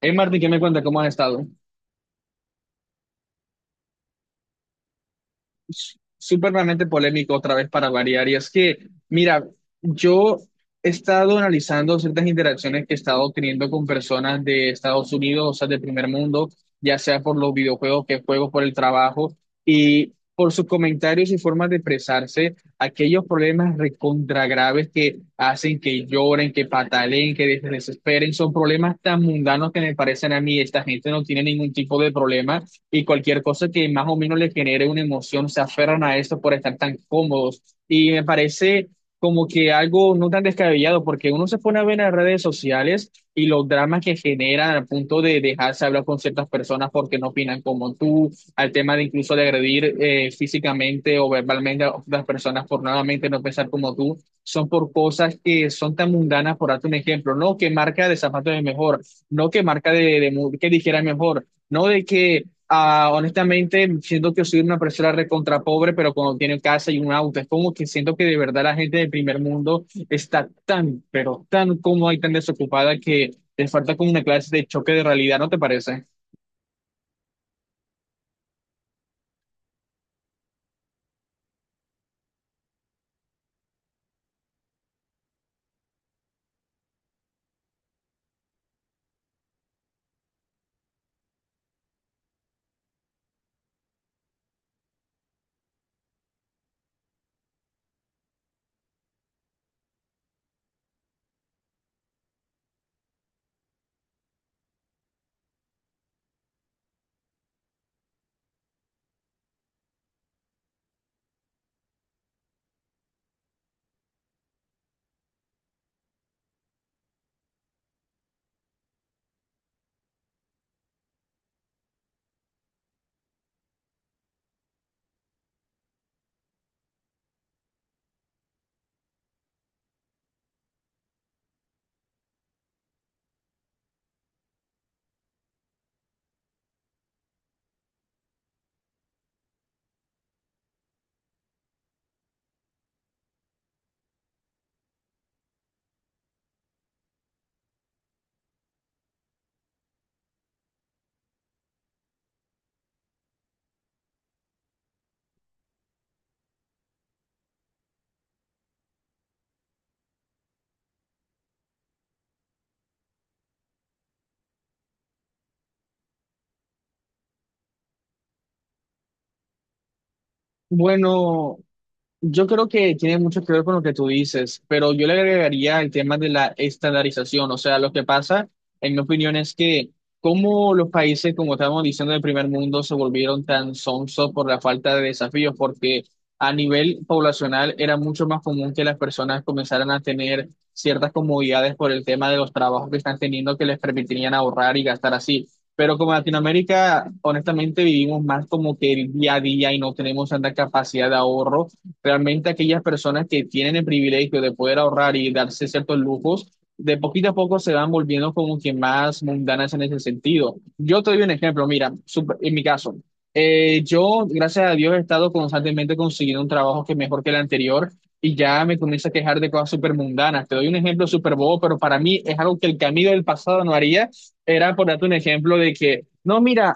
Hey Martín, ¿qué me cuenta? ¿Cómo has estado? Súpermente polémico otra vez para variar. Y es que, mira, yo he estado analizando ciertas interacciones que he estado teniendo con personas de Estados Unidos, o sea, de primer mundo, ya sea por los videojuegos que juego, por el trabajo, y por sus comentarios y formas de expresarse, aquellos problemas recontra graves que hacen que lloren, que pataleen, que desesperen, son problemas tan mundanos que me parecen a mí, esta gente no tiene ningún tipo de problema y cualquier cosa que más o menos les genere una emoción, se aferran a esto por estar tan cómodos. Y me parece como que algo no tan descabellado, porque uno se pone a ver en las redes sociales y los dramas que generan al punto de dejarse hablar con ciertas personas porque no opinan como tú, al tema de incluso de agredir físicamente o verbalmente a otras personas por nuevamente no pensar como tú, son por cosas que son tan mundanas, por darte un ejemplo, no que marca de zapatos es mejor, no que marca de que dijera es mejor, no de que Ah, honestamente, siento que soy una persona recontra pobre, pero cuando tiene casa y un auto, es como que siento que de verdad la gente del primer mundo está tan, pero tan cómoda y tan desocupada que les falta como una clase de choque de realidad, ¿no te parece? Bueno. Yo creo que tiene mucho que ver con lo que tú dices, pero yo le agregaría el tema de la estandarización. O sea, lo que pasa, en mi opinión, es que como los países, como estábamos diciendo, del primer mundo se volvieron tan sonsos por la falta de desafíos, porque a nivel poblacional era mucho más común que las personas comenzaran a tener ciertas comodidades por el tema de los trabajos que están teniendo que les permitirían ahorrar y gastar así. Pero como Latinoamérica, honestamente, vivimos más como que el día a día y no tenemos tanta capacidad de ahorro. Realmente aquellas personas que tienen el privilegio de poder ahorrar y darse ciertos lujos, de poquito a poco se van volviendo como que más mundanas en ese sentido. Yo te doy un ejemplo, mira, en mi caso, yo, gracias a Dios, he estado constantemente consiguiendo un trabajo que es mejor que el anterior y ya me comienzo a quejar de cosas súper mundanas. Te doy un ejemplo súper bobo, pero para mí es algo que el camino del pasado no haría. Era por darte un ejemplo de que, no, mira,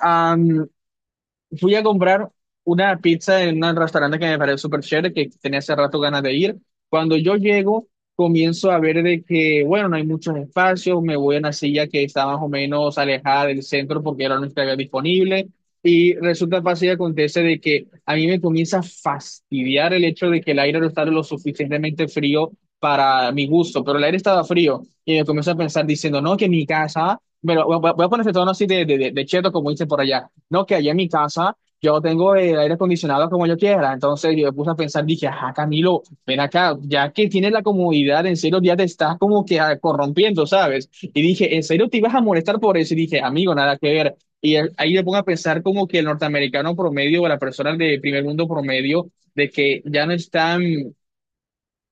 fui a comprar una pizza en un restaurante que me pareció súper chévere, que tenía hace rato ganas de ir. Cuando yo llego, comienzo a ver de que, bueno, no hay muchos espacios, me voy a una silla que está más o menos alejada del centro porque era la única que había disponible. Y resulta fácil y acontece de que a mí me comienza a fastidiar el hecho de que el aire no está lo suficientemente frío para mi gusto, pero el aire estaba frío y me comienzo a pensar diciendo, no, que mi casa, pero voy a ponerse tono así de cheto, como dicen por allá no, que allá en mi casa yo tengo el aire acondicionado como yo quiera. Entonces yo me puse a pensar, dije, ajá, Camilo, ven acá, ya que tienes la comodidad, en serio ya te estás como que corrompiendo, ¿sabes? Y dije, ¿en serio te ibas a molestar por eso? Y dije, amigo, nada que ver. Ahí me pongo a pensar como que el norteamericano promedio o la persona de primer mundo promedio, de que ya no están.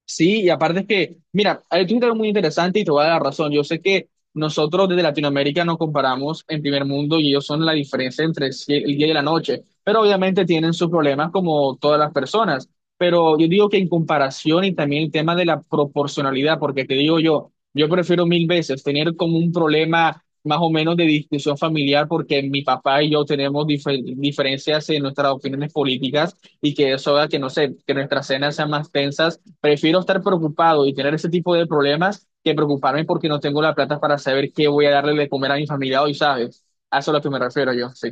Sí, y aparte es que, mira, hay un algo muy interesante y te voy a dar la razón. Yo sé que nosotros desde Latinoamérica nos comparamos en primer mundo y ellos son la diferencia entre el día y la noche, pero obviamente tienen sus problemas como todas las personas. Pero yo digo que en comparación y también el tema de la proporcionalidad, porque te digo yo, yo prefiero mil veces tener como un problema más o menos de discusión familiar porque mi papá y yo tenemos diferencias en nuestras opiniones políticas y que eso haga que, no sé, que nuestras cenas sean más tensas. Prefiero estar preocupado y tener ese tipo de problemas que preocuparme porque no tengo la plata para saber qué voy a darle de comer a mi familia hoy, ¿sabes? A eso es lo que me refiero yo, sí.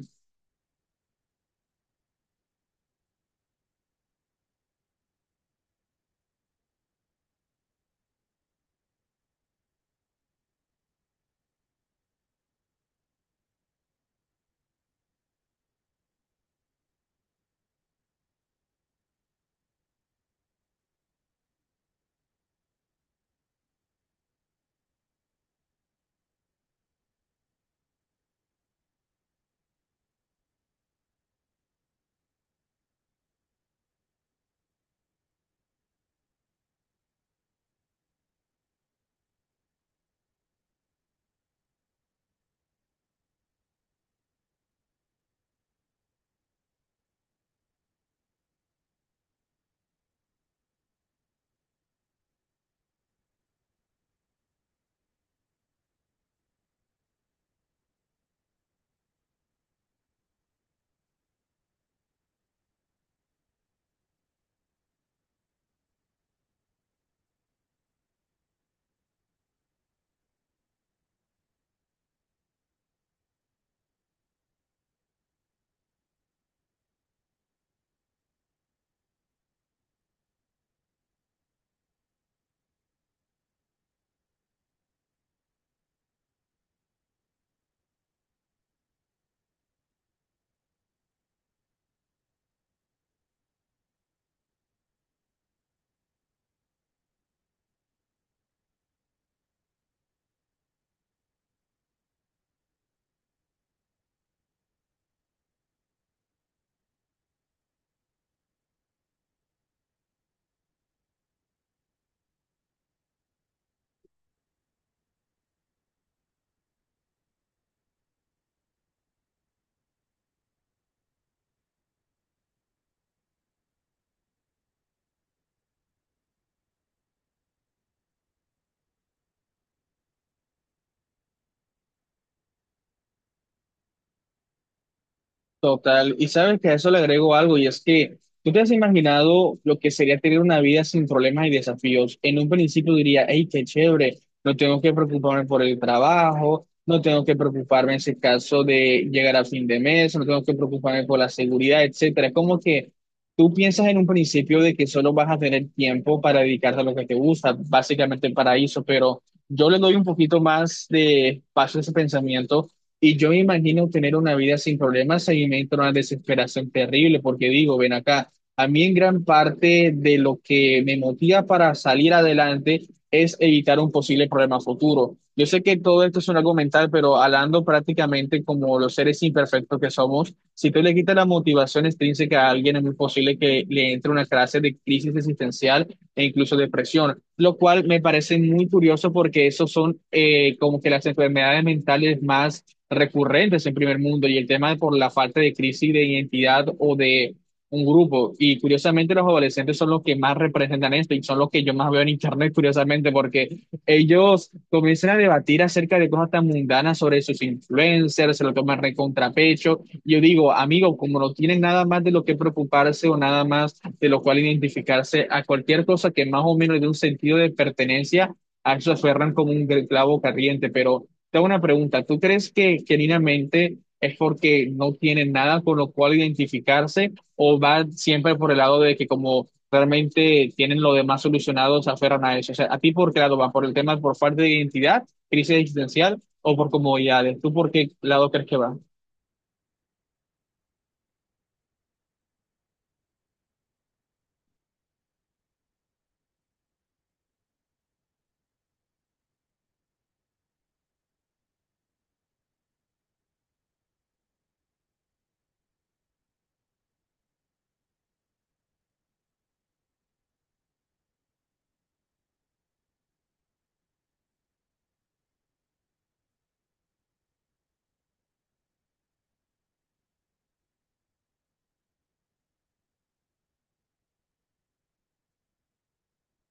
Total, y sabes que a eso le agrego algo, y es que tú te has imaginado lo que sería tener una vida sin problemas y desafíos. En un principio diría, hey, qué chévere, no tengo que preocuparme por el trabajo, no tengo que preocuparme en ese caso de llegar a fin de mes, no tengo que preocuparme por la seguridad, etcétera. Es como que tú piensas en un principio de que solo vas a tener tiempo para dedicarte a lo que te gusta, básicamente el paraíso, pero yo le doy un poquito más de paso a ese pensamiento y yo me imagino tener una vida sin problemas, ahí me entra una desesperación terrible, porque digo, ven acá, a mí en gran parte de lo que me motiva para salir adelante es evitar un posible problema futuro. Yo sé que todo esto es un algo mental, pero hablando prácticamente como los seres imperfectos que somos, si tú le quitas la motivación extrínseca a alguien, es muy posible que le entre una clase de crisis existencial e incluso depresión, lo cual me parece muy curioso porque esos son como que las enfermedades mentales más recurrentes en primer mundo y el tema por la falta de crisis de identidad o de un grupo. Y curiosamente los adolescentes son los que más representan esto y son los que yo más veo en internet, curiosamente, porque ellos comienzan a debatir acerca de cosas tan mundanas sobre sus influencers, se lo toman re contrapecho. Yo digo, amigo, como no tienen nada más de lo que preocuparse o nada más de lo cual identificarse a cualquier cosa que más o menos de un sentido de pertenencia, a eso se aferran como un clavo caliente, pero te hago una pregunta. ¿Tú crees que genuinamente es porque no tienen nada con lo cual identificarse o va siempre por el lado de que como realmente tienen lo demás solucionado, se aferran a eso? O sea, ¿a ti por qué lado va? ¿Por el tema por falta de identidad, crisis existencial o por comodidades? ¿Tú por qué lado crees que va?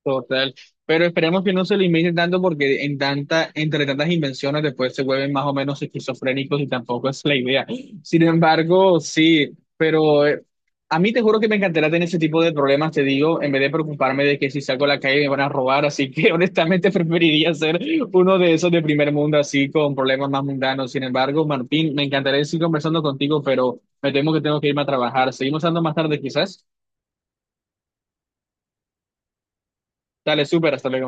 Total, pero esperemos que no se limiten tanto porque en tanta, entre tantas invenciones después se vuelven más o menos esquizofrénicos y tampoco es la idea. Sin embargo, sí, pero a mí te juro que me encantaría tener ese tipo de problemas, te digo, en vez de preocuparme de que si salgo a la calle me van a robar, así que honestamente preferiría ser uno de esos de primer mundo así con problemas más mundanos. Sin embargo, Martín, me encantaría seguir conversando contigo, pero me temo que tengo que irme a trabajar. Seguimos hablando más tarde quizás. Dale, súper, hasta luego.